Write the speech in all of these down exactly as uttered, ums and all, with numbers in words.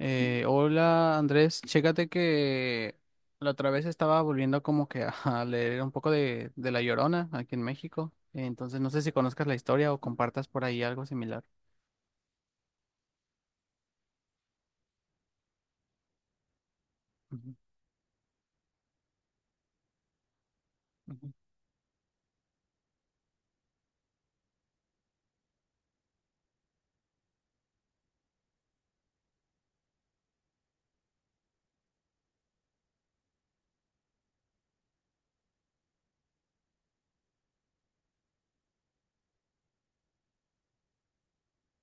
Eh, hola, Andrés, chécate que la otra vez estaba volviendo como que a leer un poco de, de La Llorona aquí en México. Entonces no sé si conozcas la historia o compartas por ahí algo similar. Ujú, ujú.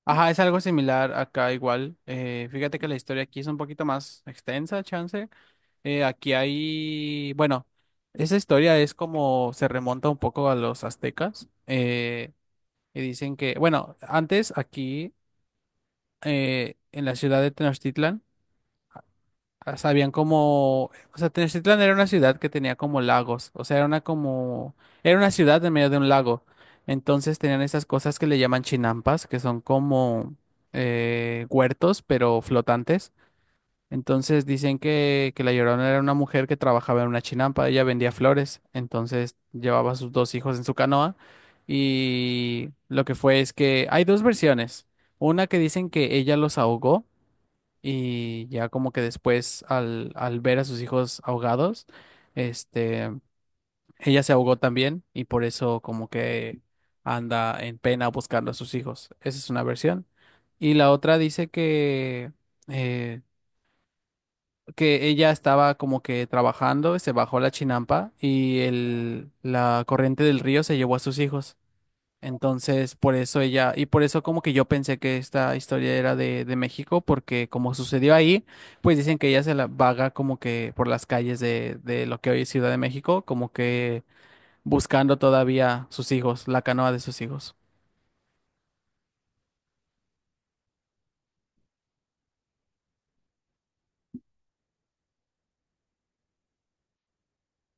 Ajá, es algo similar acá igual. Eh, fíjate que la historia aquí es un poquito más extensa, chance. Eh, aquí hay, bueno, esa historia es como se remonta un poco a los aztecas. Eh, y dicen que, bueno, antes aquí eh, en la ciudad de Tenochtitlan, ah, sabían como, o sea, Tenochtitlan era una ciudad que tenía como lagos, o sea, era una como, era una ciudad en medio de un lago. Entonces tenían esas cosas que le llaman chinampas, que son como eh, huertos, pero flotantes. Entonces dicen que, que la Llorona era una mujer que trabajaba en una chinampa, ella vendía flores, entonces llevaba a sus dos hijos en su canoa y lo que fue es que hay dos versiones. Una que dicen que ella los ahogó y ya como que después al, al ver a sus hijos ahogados, este, ella se ahogó también y por eso como que anda en pena buscando a sus hijos. Esa es una versión. Y la otra dice que, eh, que ella estaba como que trabajando, se bajó la chinampa y el, la corriente del río se llevó a sus hijos. Entonces, por eso ella, y por eso como que yo pensé que esta historia era de, de México, porque como sucedió ahí, pues dicen que ella se la vaga como que por las calles de, de lo que hoy es Ciudad de México, como que buscando todavía sus hijos, la canoa de sus hijos.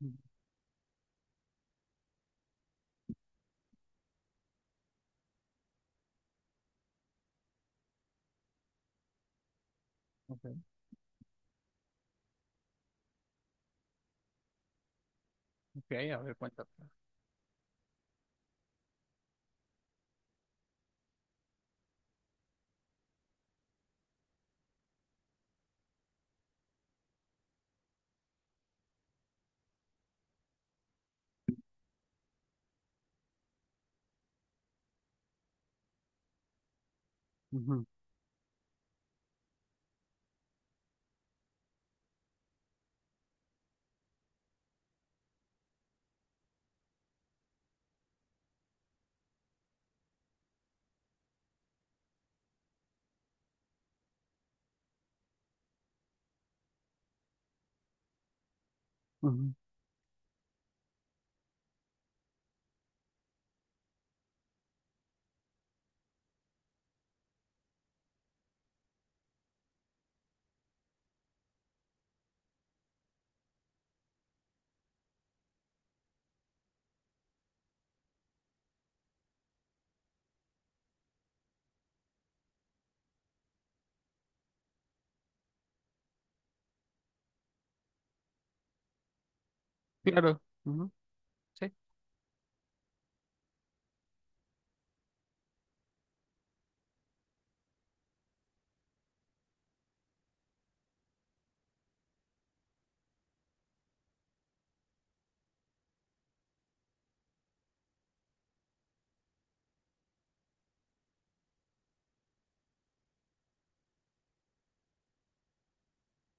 Ujú, frecuenta. Ujú, ujú. Claro, ujú. Sí.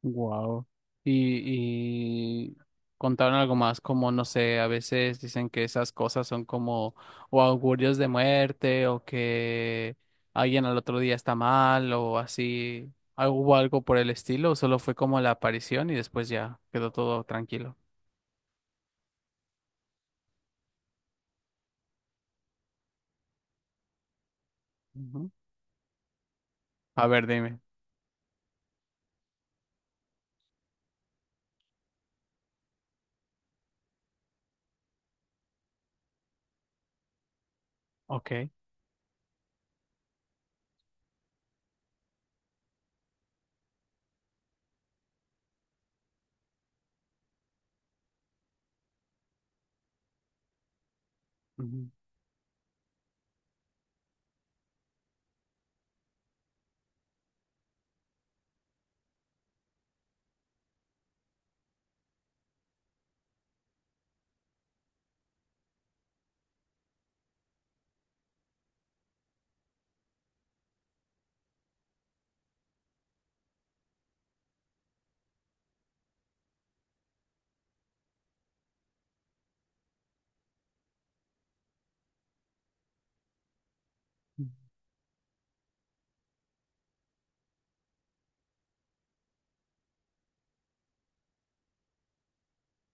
Wow. Y, y contaron algo más, como no sé, a veces dicen que esas cosas son como o augurios de muerte o que alguien al otro día está mal o así. ¿Al- ¿hubo algo por el estilo? ¿O solo fue como la aparición y después ya quedó todo tranquilo? Ujú. A ver, dime. Ok. Ujú.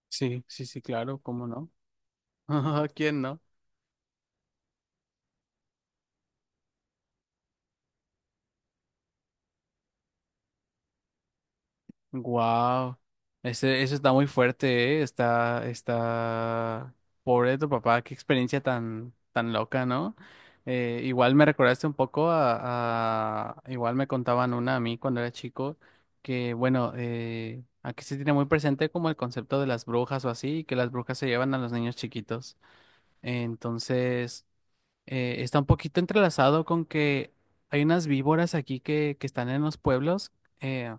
Sí, sí, sí, claro, ¿cómo no? ¿Quién no? Wow, ese, eso está muy fuerte, ¿eh? Está, está, pobre de tu papá, qué experiencia tan, tan loca, ¿no? Eh, igual me recordaste un poco a, a- igual me contaban una a mí cuando era chico, que bueno, eh, aquí se tiene muy presente como el concepto de las brujas o así, que las brujas se llevan a los niños chiquitos. Entonces, eh, está un poquito entrelazado con que hay unas víboras aquí que, que están en los pueblos. eh,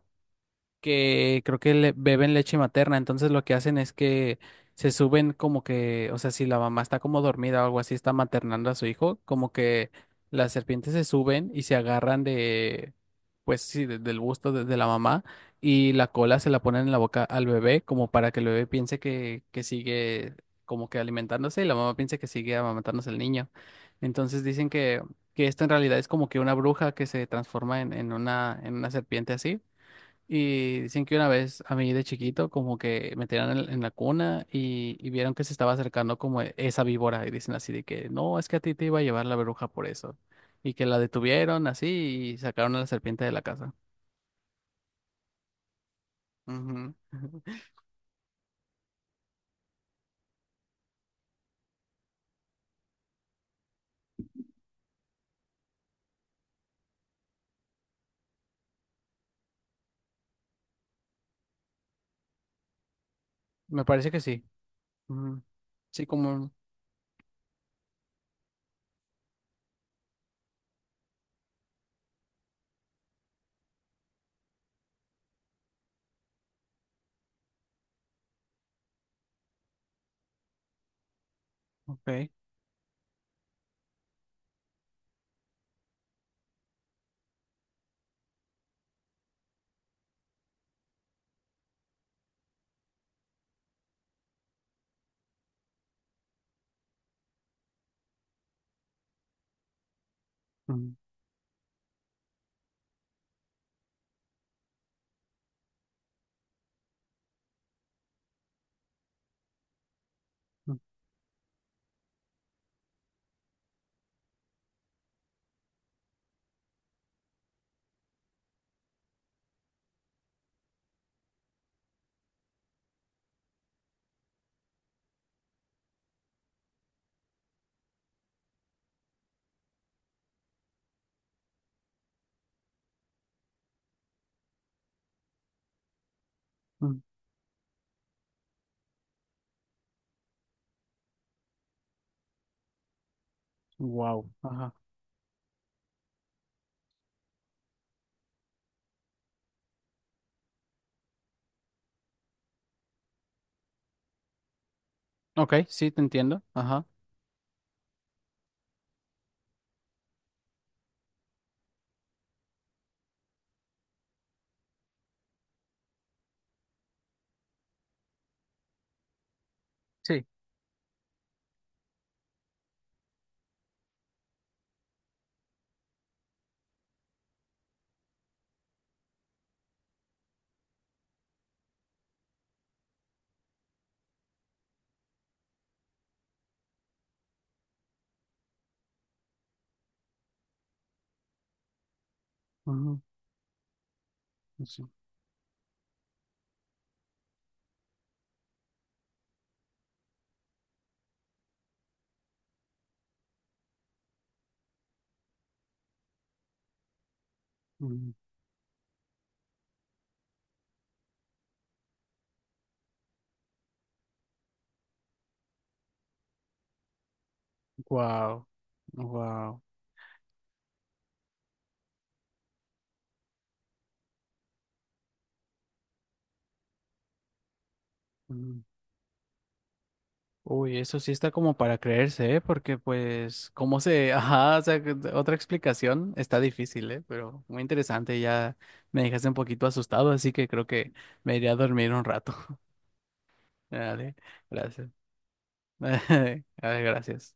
que creo que le- beben leche materna, entonces lo que hacen es que se suben como que, o sea, si la mamá está como dormida o algo así, está maternando a su hijo, como que las serpientes se suben y se agarran de, pues sí, de- del busto de, de la mamá y la cola se la ponen en la boca al bebé como para que el bebé piense que, que sigue como que alimentándose y la mamá piense que sigue amamantándose el niño. Entonces dicen que, que esto en realidad es como que una bruja que se transforma en, en una, en una serpiente así. Y dicen que una vez a mí de chiquito como que me tiraron en, en la cuna y, y vieron que se estaba acercando como e- esa víbora y dicen así de que no, es que a ti te iba a llevar la bruja por eso. Y que la detuvieron así y sacaron a la serpiente de la casa. Ujú. Me parece que sí. Ujú. Sí, como... Ok. Wow. Ajá. Ok, sí, te entiendo. Ajá. Sí. Ujú. Sí. Wow. Wow. Uy, eso sí está como para creerse, ¿eh? Porque pues, ¿cómo se...? Ajá, o sea, que- otra explicación está difícil, ¿eh? Pero muy interesante, ya me dejaste un poquito asustado, así que creo que me iré a dormir un rato. Dale, gracias. Dale, gracias.